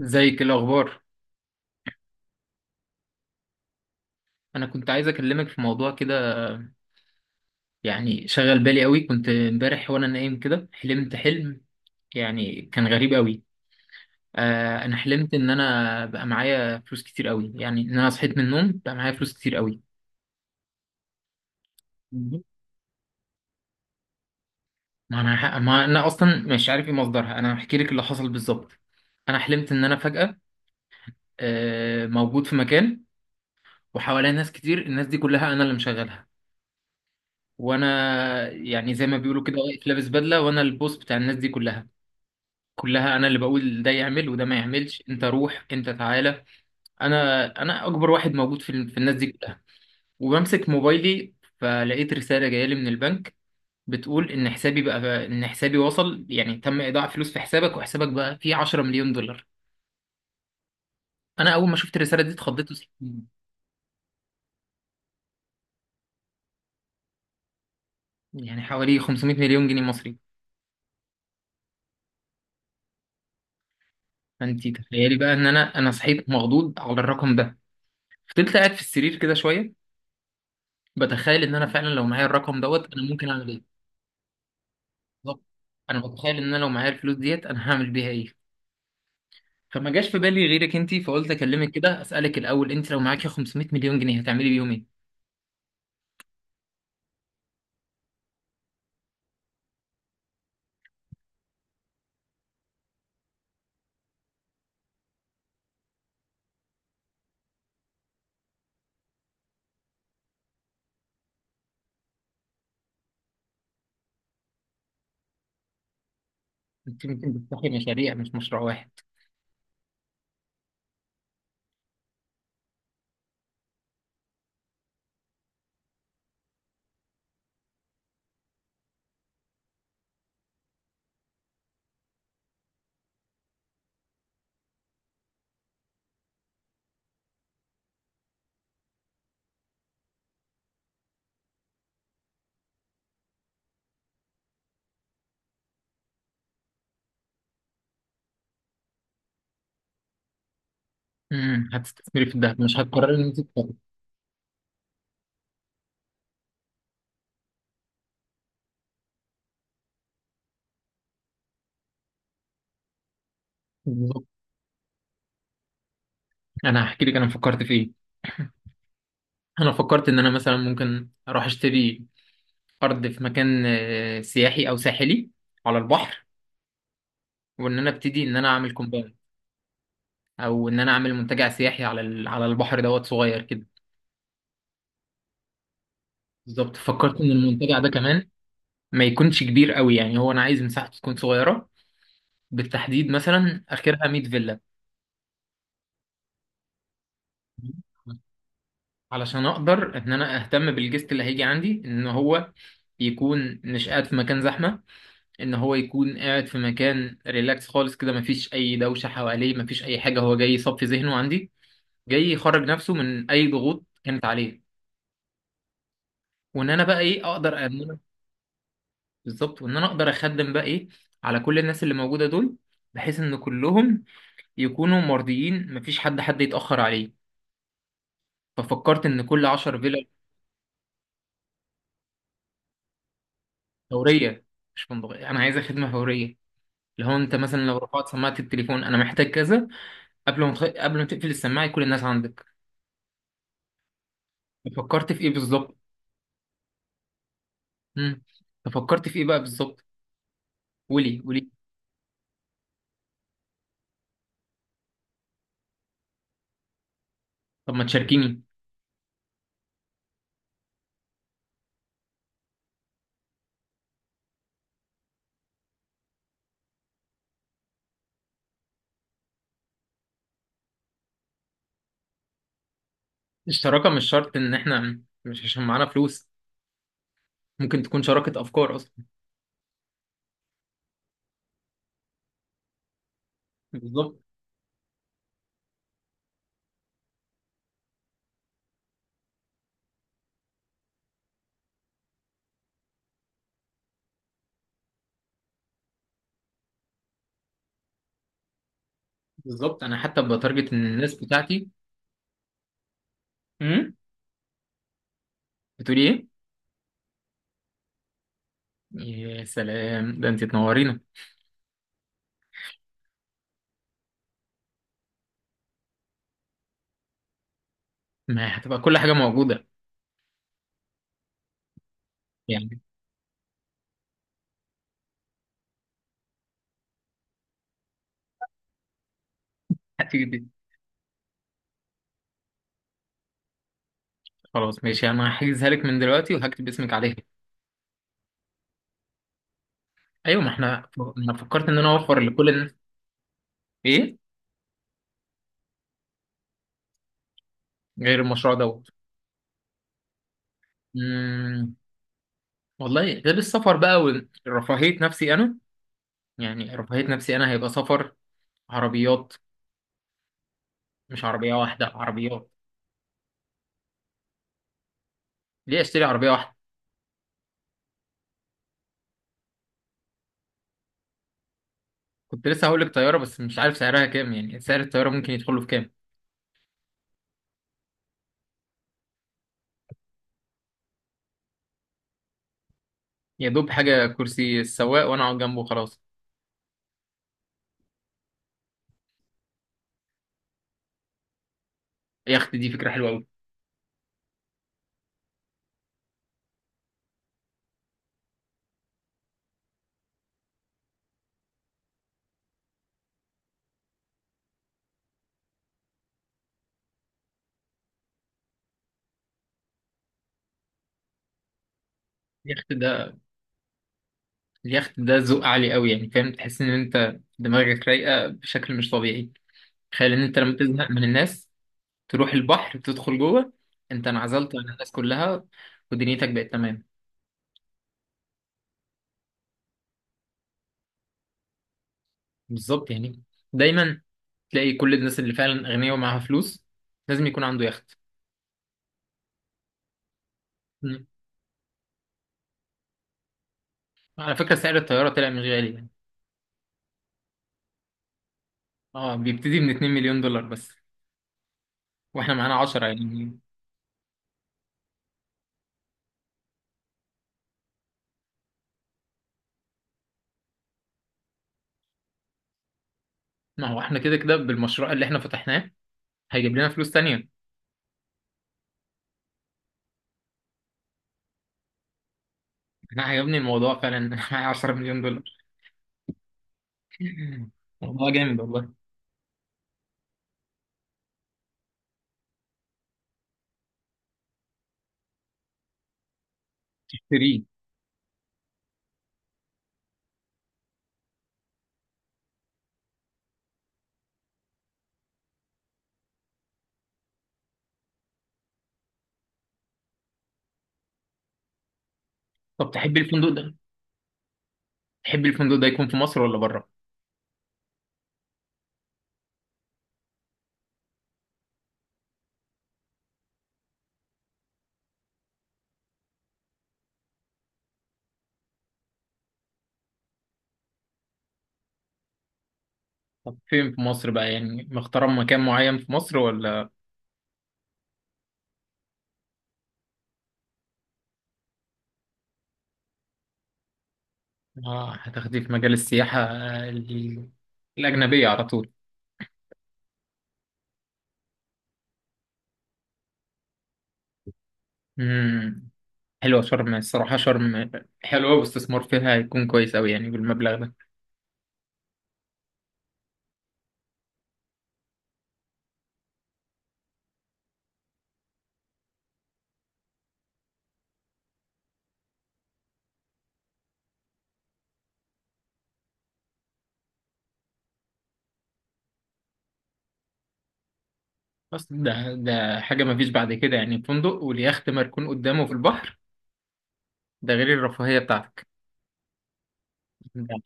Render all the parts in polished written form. ازيك؟ إيه الاخبار؟ انا كنت عايز اكلمك في موضوع كده. يعني شغل بالي قوي، كنت امبارح وانا نايم كده حلمت حلم. يعني كان غريب قوي. انا حلمت ان انا بقى معايا فلوس كتير قوي، يعني ان انا صحيت من النوم بقى معايا فلوس كتير قوي. مهم. ما انا اصلا مش عارف ايه مصدرها. انا هحكي لك اللي حصل بالظبط. انا حلمت ان انا فجأة موجود في مكان، وحواليا ناس كتير. الناس دي كلها انا اللي مشغلها. وانا يعني زي ما بيقولوا كده واقف لابس بدلة، وانا البوس بتاع الناس دي كلها، كلها انا اللي بقول ده يعمل وده ما يعملش، انت روح انت تعالى. انا اكبر واحد موجود في الناس دي كلها، وبمسك موبايلي. فلقيت رسالة جاية لي من البنك، بتقول ان حسابي وصل، يعني تم ايداع فلوس في حسابك، وحسابك بقى فيه 10 مليون دولار. انا اول ما شفت الرسالة دي اتخضيت يعني حوالي 500 مليون جنيه مصري. فانت تخيلي بقى ان انا صحيت مخضوض على الرقم ده. فضلت قاعد في السرير كده شوية بتخيل ان انا فعلا لو معايا الرقم دوت انا ممكن اعمل ايه. بالظبط، انا متخيل ان انا لو معايا الفلوس ديت انا هعمل بيها ايه. فما جاش في بالي غيرك انت، فقلت اكلمك كده اسالك الاول، انت لو معاكي 500 مليون جنيه هتعملي بيهم ايه؟ انت ممكن تفتحي مشاريع مش مشروع واحد. هتستثمري في الذهب، مش هتقرري ان انت تفكري؟ بالظبط، انا هحكي لك انا فكرت في ايه. انا فكرت ان انا مثلا ممكن اروح اشتري ارض في مكان سياحي او ساحلي، على البحر. وان انا ابتدي ان انا اعمل كومباوند، او ان انا اعمل منتجع سياحي على البحر دوت صغير كده. بالظبط، فكرت ان المنتجع ده كمان ما يكونش كبير قوي. يعني هو انا عايز مساحته تكون صغيره، بالتحديد مثلا اخرها 100 فيلا، علشان اقدر ان انا اهتم بالجست اللي هيجي عندي، ان هو يكون مش قاعد في مكان زحمه، ان هو يكون قاعد في مكان ريلاكس خالص كده، مفيش اي دوشه حواليه، مفيش اي حاجه، هو جاي يصفي ذهنه عندي، جاي يخرج نفسه من اي ضغوط كانت عليه. وان انا بقى ايه اقدر ان انا، بالظبط، وان انا اقدر اخدم بقى ايه على كل الناس اللي موجوده دول، بحيث ان كلهم يكونوا مرضيين، مفيش حد يتأخر عليه. ففكرت إن كل عشر فيلا. فورية، مش فندقية، أنا عايزة خدمة فورية، اللي هو أنت مثلا لو رفعت سماعة التليفون أنا محتاج كذا، قبل ما تقفل السماعة يكون الناس عندك. ففكرت في إيه بالظبط؟ مم. ففكرت في إيه بقى بالظبط؟ قولي قولي. طب ما تشاركيني. الشراكة مش شرط إن إحنا مش عشان معانا فلوس، ممكن تكون شراكة أفكار أصلا. بالظبط بالظبط، أنا حتى بتارجت إن الناس بتاعتي. مم. بتقولي إيه؟ يا سلام، ده أنت تنورينا. ما هتبقى كل حاجة موجودة. يعني هتيجي دي. خلاص ماشي، أنا هحجزها لك من دلوقتي وهكتب اسمك عليها. أيوة، ما احنا. أنا فكرت إن أنا أوفر لكل الناس. إيه؟ غير المشروع دوت. مم. والله غير السفر بقى، ورفاهية نفسي أنا. يعني رفاهية نفسي أنا هيبقى سفر، عربيات. مش عربية واحدة، عربيات. ليه أشتري عربية واحدة؟ كنت لسه هقول لك طيارة بس مش عارف سعرها كام، يعني سعر الطيارة ممكن يدخله في كام. يا دوب حاجة كرسي السواق وأنا أقعد جنبه، خلاص. يخت دي فكرة حلوة أوي. يخت ده، اليخت ده ذوق عالي قوي، يعني فاهم، تحس ان انت دماغك رايقه بشكل مش طبيعي. تخيل ان انت لما تزهق من الناس تروح البحر تدخل جوه، انت انعزلت عن الناس كلها، ودنيتك بقت تمام. بالظبط، يعني دايما تلاقي كل الناس اللي فعلا اغنياء ومعاها فلوس لازم يكون عنده يخت. مم. على فكره سعر الطياره طلع مش غالي يعني. اه، بيبتدي من 2 مليون دولار بس، واحنا معانا 10 يعني. ما هو احنا كده كده بالمشروع اللي احنا فتحناه هيجيب لنا فلوس تانية. انا عجبني الموضوع فعلا. معايا 10 مليون دولار. والله جامد والله. اشتريه. طب تحب الفندق ده يكون في مصر ولا بره؟ طب فين في مصر بقى؟ يعني مختار مكان معين في مصر ولا؟ اه، هتاخديه في مجال السياحة الأجنبية على طول. امم حلوة شرم، الصراحة شرم حلوة، واستثمار فيها هيكون كويس أوي يعني بالمبلغ ده. بس ده حاجة مفيش بعد كده، يعني فندق واليخت مركون قدامه في البحر، ده غير الرفاهية بتاعتك. ده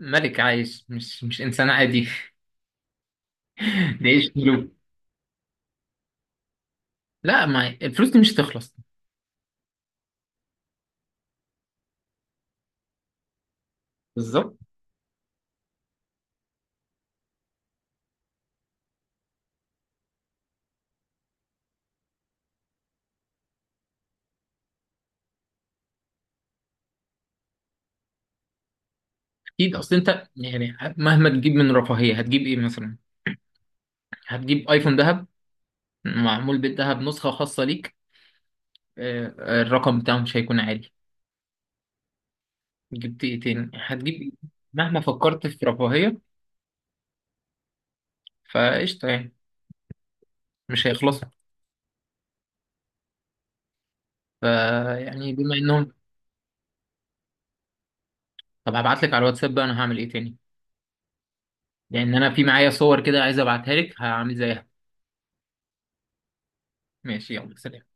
ملك عايش، مش إنسان عادي. ده عيش. لا، ما الفلوس دي مش هتخلص. بالظبط. اكيد، اصل انت يعني مهما تجيب من رفاهيه هتجيب ايه مثلا؟ هتجيب ايفون ذهب، معمول بالذهب، نسخه خاصه ليك. الرقم بتاعه مش هيكون عالي. جبت ايه تاني؟ هتجيب إيه؟ مهما فكرت في رفاهيه، فقشطه يعني، مش هيخلصوا. فيعني بما انهم. طب هبعت لك على الواتساب بقى انا هعمل ايه تاني، لان انا في معايا صور كده عايز ابعتها لك هعمل زيها. ماشي، يلا سلام.